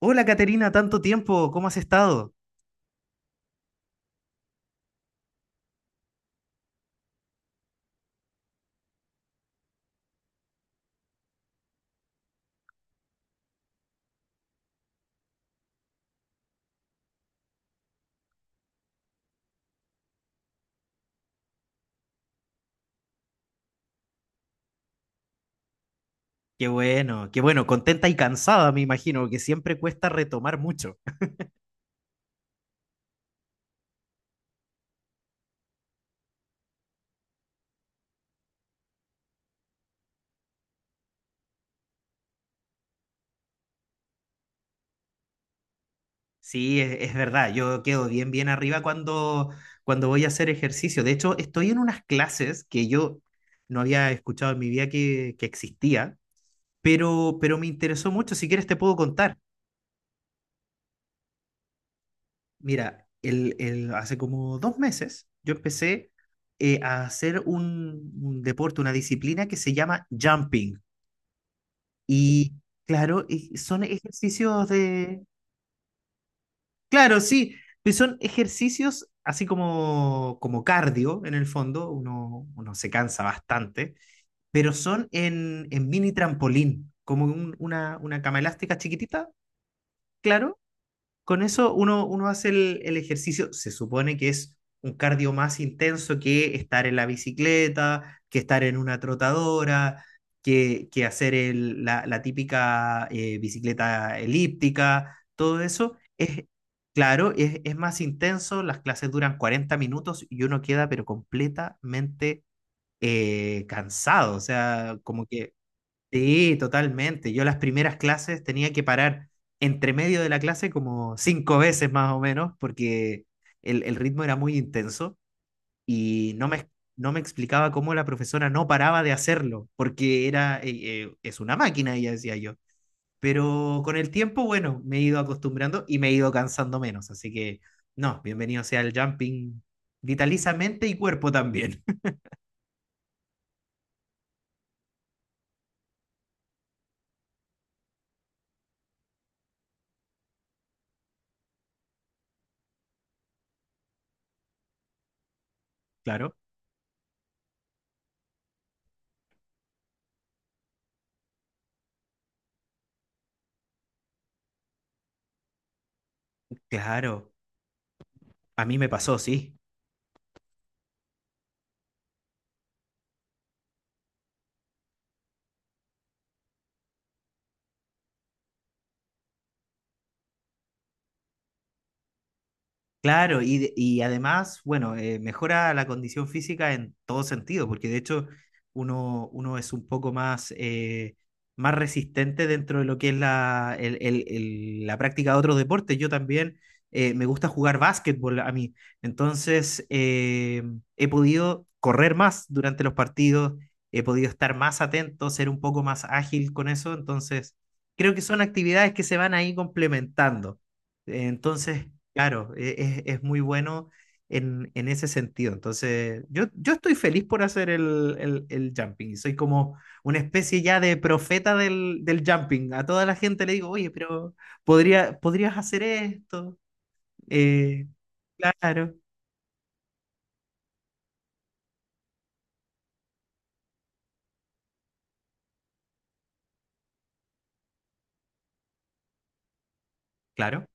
Hola Caterina, tanto tiempo, ¿cómo has estado? Qué bueno, contenta y cansada, me imagino, que siempre cuesta retomar mucho. Sí, es verdad, yo quedo bien, bien arriba cuando voy a hacer ejercicio. De hecho, estoy en unas clases que yo no había escuchado en mi vida que existía, pero me interesó mucho. Si quieres, te puedo contar. Mira, hace como dos meses yo empecé, a hacer un deporte, una disciplina que se llama jumping. Y claro, y son ejercicios de... Claro, sí, pues son ejercicios así como, como cardio en el fondo, uno se cansa bastante, pero son en mini trampolín, como una cama elástica chiquitita, claro, con eso uno hace el ejercicio, se supone que es un cardio más intenso que estar en la bicicleta, que estar en una trotadora, que hacer la típica bicicleta elíptica, todo eso es, claro, es más intenso, las clases duran 40 minutos y uno queda pero completamente, cansado, o sea, como que sí, totalmente. Yo las primeras clases tenía que parar entre medio de la clase como cinco veces más o menos, porque el ritmo era muy intenso y no me explicaba cómo la profesora no paraba de hacerlo, porque era, es una máquina, ella decía yo. Pero con el tiempo, bueno, me he ido acostumbrando y me he ido cansando menos. Así que no, bienvenido sea el jumping vitalizamente y cuerpo también. Claro, claro. A mí me pasó, sí. Claro, y, y además, bueno, mejora la condición física en todo sentido, porque de hecho uno es un poco más, más resistente dentro de lo que es la, el- la práctica de otros deportes. Yo también, me gusta jugar básquetbol a mí, entonces, he podido correr más durante los partidos, he podido estar más atento, ser un poco más ágil con eso, entonces creo que son actividades que se van ahí complementando. Entonces, claro, es muy bueno en ese sentido. Entonces, yo estoy feliz por hacer el jumping. Soy como una especie ya de profeta del jumping. A toda la gente le digo, oye, pero podrías hacer esto. Eh, claro, claro,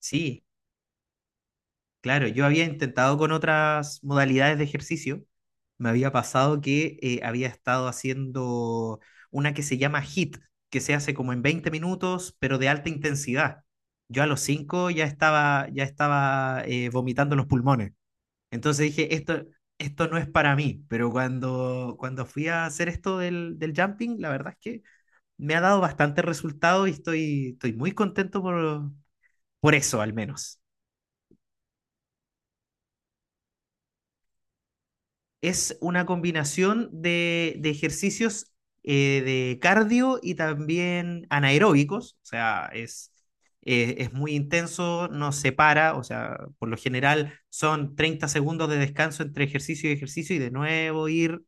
sí. Claro, yo había intentado con otras modalidades de ejercicio. Me había pasado que, había estado haciendo una que se llama HIIT, que se hace como en 20 minutos, pero de alta intensidad. Yo a los cinco ya estaba, vomitando los pulmones. Entonces dije, esto no es para mí, pero cuando fui a hacer esto del jumping, la verdad es que me ha dado bastante resultado y estoy muy contento por eso, al menos. Es una combinación de ejercicios, de cardio y también anaeróbicos, o sea, es muy intenso, no se para, o sea, por lo general son 30 segundos de descanso entre ejercicio y ejercicio y de nuevo ir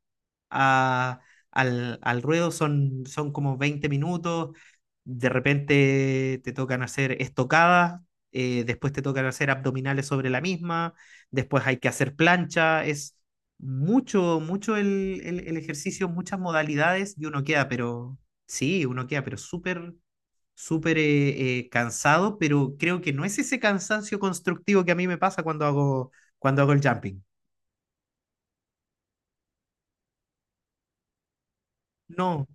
a- al ruedo, son como 20 minutos, de repente te tocan hacer estocadas, después te tocan hacer abdominales sobre la misma, después hay que hacer plancha, es mucho el ejercicio, muchas modalidades y uno queda, pero sí, uno queda, pero súper, súper, cansado, pero creo que no es ese cansancio constructivo que a mí me pasa cuando hago el jumping. No,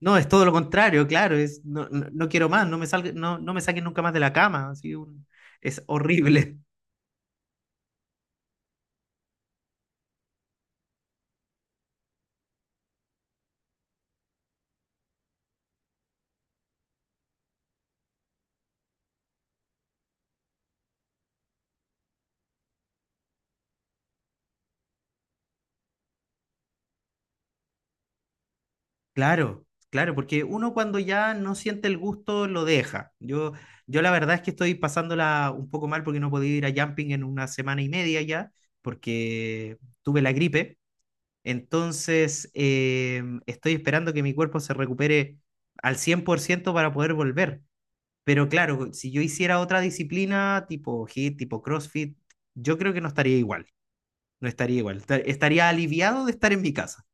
no, es todo lo contrario, claro, es, no, no, no quiero más, no me salga, no, no me saquen nunca más de la cama, es horrible. Claro, claro, porque uno cuando ya no siente el gusto lo deja. Yo la verdad es que estoy pasándola un poco mal porque no podía ir a jumping en una semana y media ya, porque tuve la gripe. Entonces, estoy esperando que mi cuerpo se recupere al 100% para poder volver. Pero claro, si yo hiciera otra disciplina tipo hit, tipo CrossFit, yo creo que no estaría igual, no estaría igual. Estaría aliviado de estar en mi casa.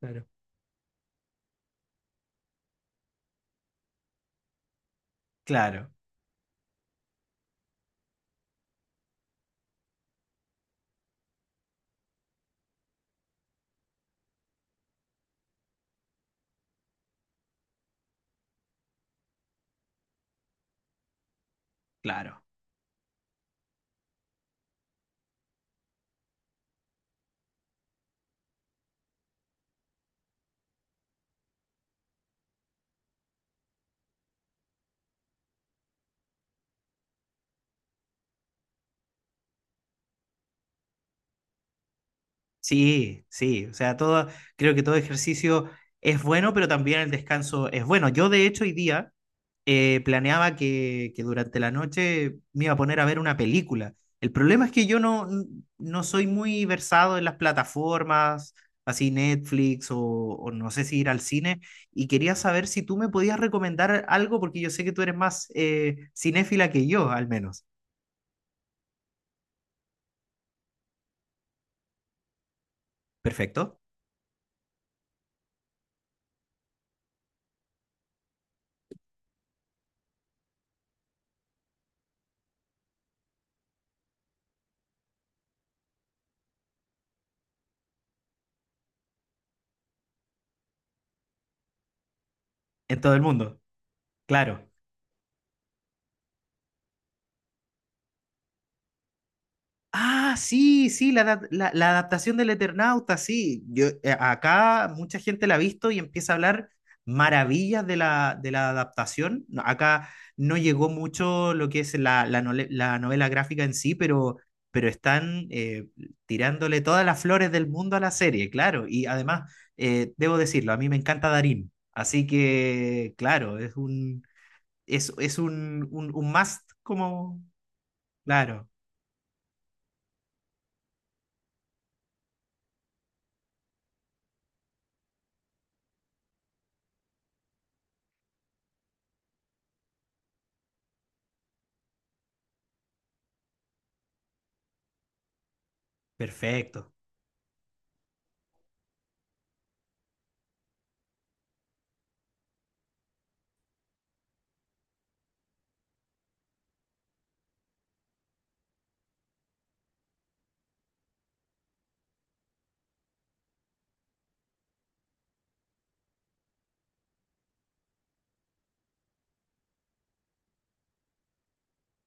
Claro. Claro, claro. Sí, sí, o sea, todo, creo que todo ejercicio es bueno, pero también el descanso es bueno. Yo, de hecho, hoy día, planeaba que durante la noche me iba a poner a ver una película. El problema es que yo no, no soy muy versado en las plataformas, así Netflix, o no sé si ir al cine, y quería saber si tú me podías recomendar algo, porque yo sé que tú eres más, cinéfila que yo, al menos. Perfecto. En todo el mundo, claro. Ah, sí, sí, la, la adaptación del Eternauta, sí. Yo, acá mucha gente la ha visto y empieza a hablar maravillas de la adaptación. No, acá no llegó mucho lo que es la, la novela gráfica en sí, pero están, tirándole todas las flores del mundo a la serie, claro. Y además, debo decirlo, a mí me encanta Darín. Así que, claro, es, un must como... Claro, perfecto.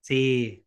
Sí.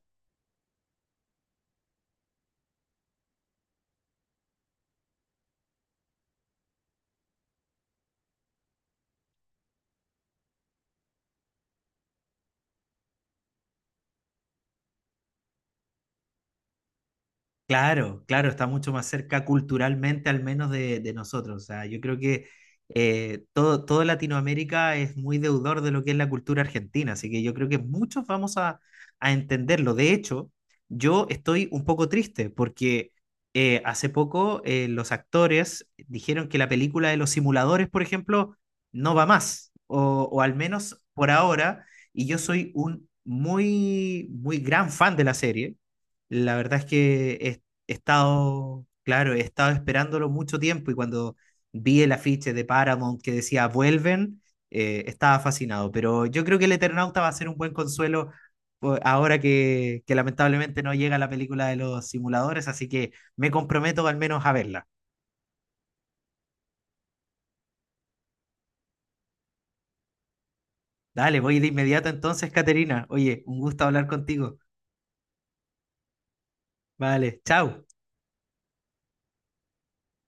Claro, claro, está mucho más cerca culturalmente al menos de nosotros. O sea, yo creo que, todo Latinoamérica es muy deudor de lo que es la cultura argentina, así que yo creo que muchos vamos a entenderlo. De hecho, yo estoy un poco triste porque, hace poco los actores dijeron que la película de Los Simuladores, por ejemplo, no va más, o al menos por ahora, y yo soy un muy, muy gran fan de la serie. La verdad es que he estado, claro, he estado esperándolo mucho tiempo y cuando vi el afiche de Paramount que decía vuelven, estaba fascinado. Pero yo creo que el Eternauta va a ser un buen consuelo ahora que lamentablemente no llega la película de Los Simuladores, así que me comprometo al menos a verla. Dale, voy de inmediato entonces, Caterina. Oye, un gusto hablar contigo. Vale, chao.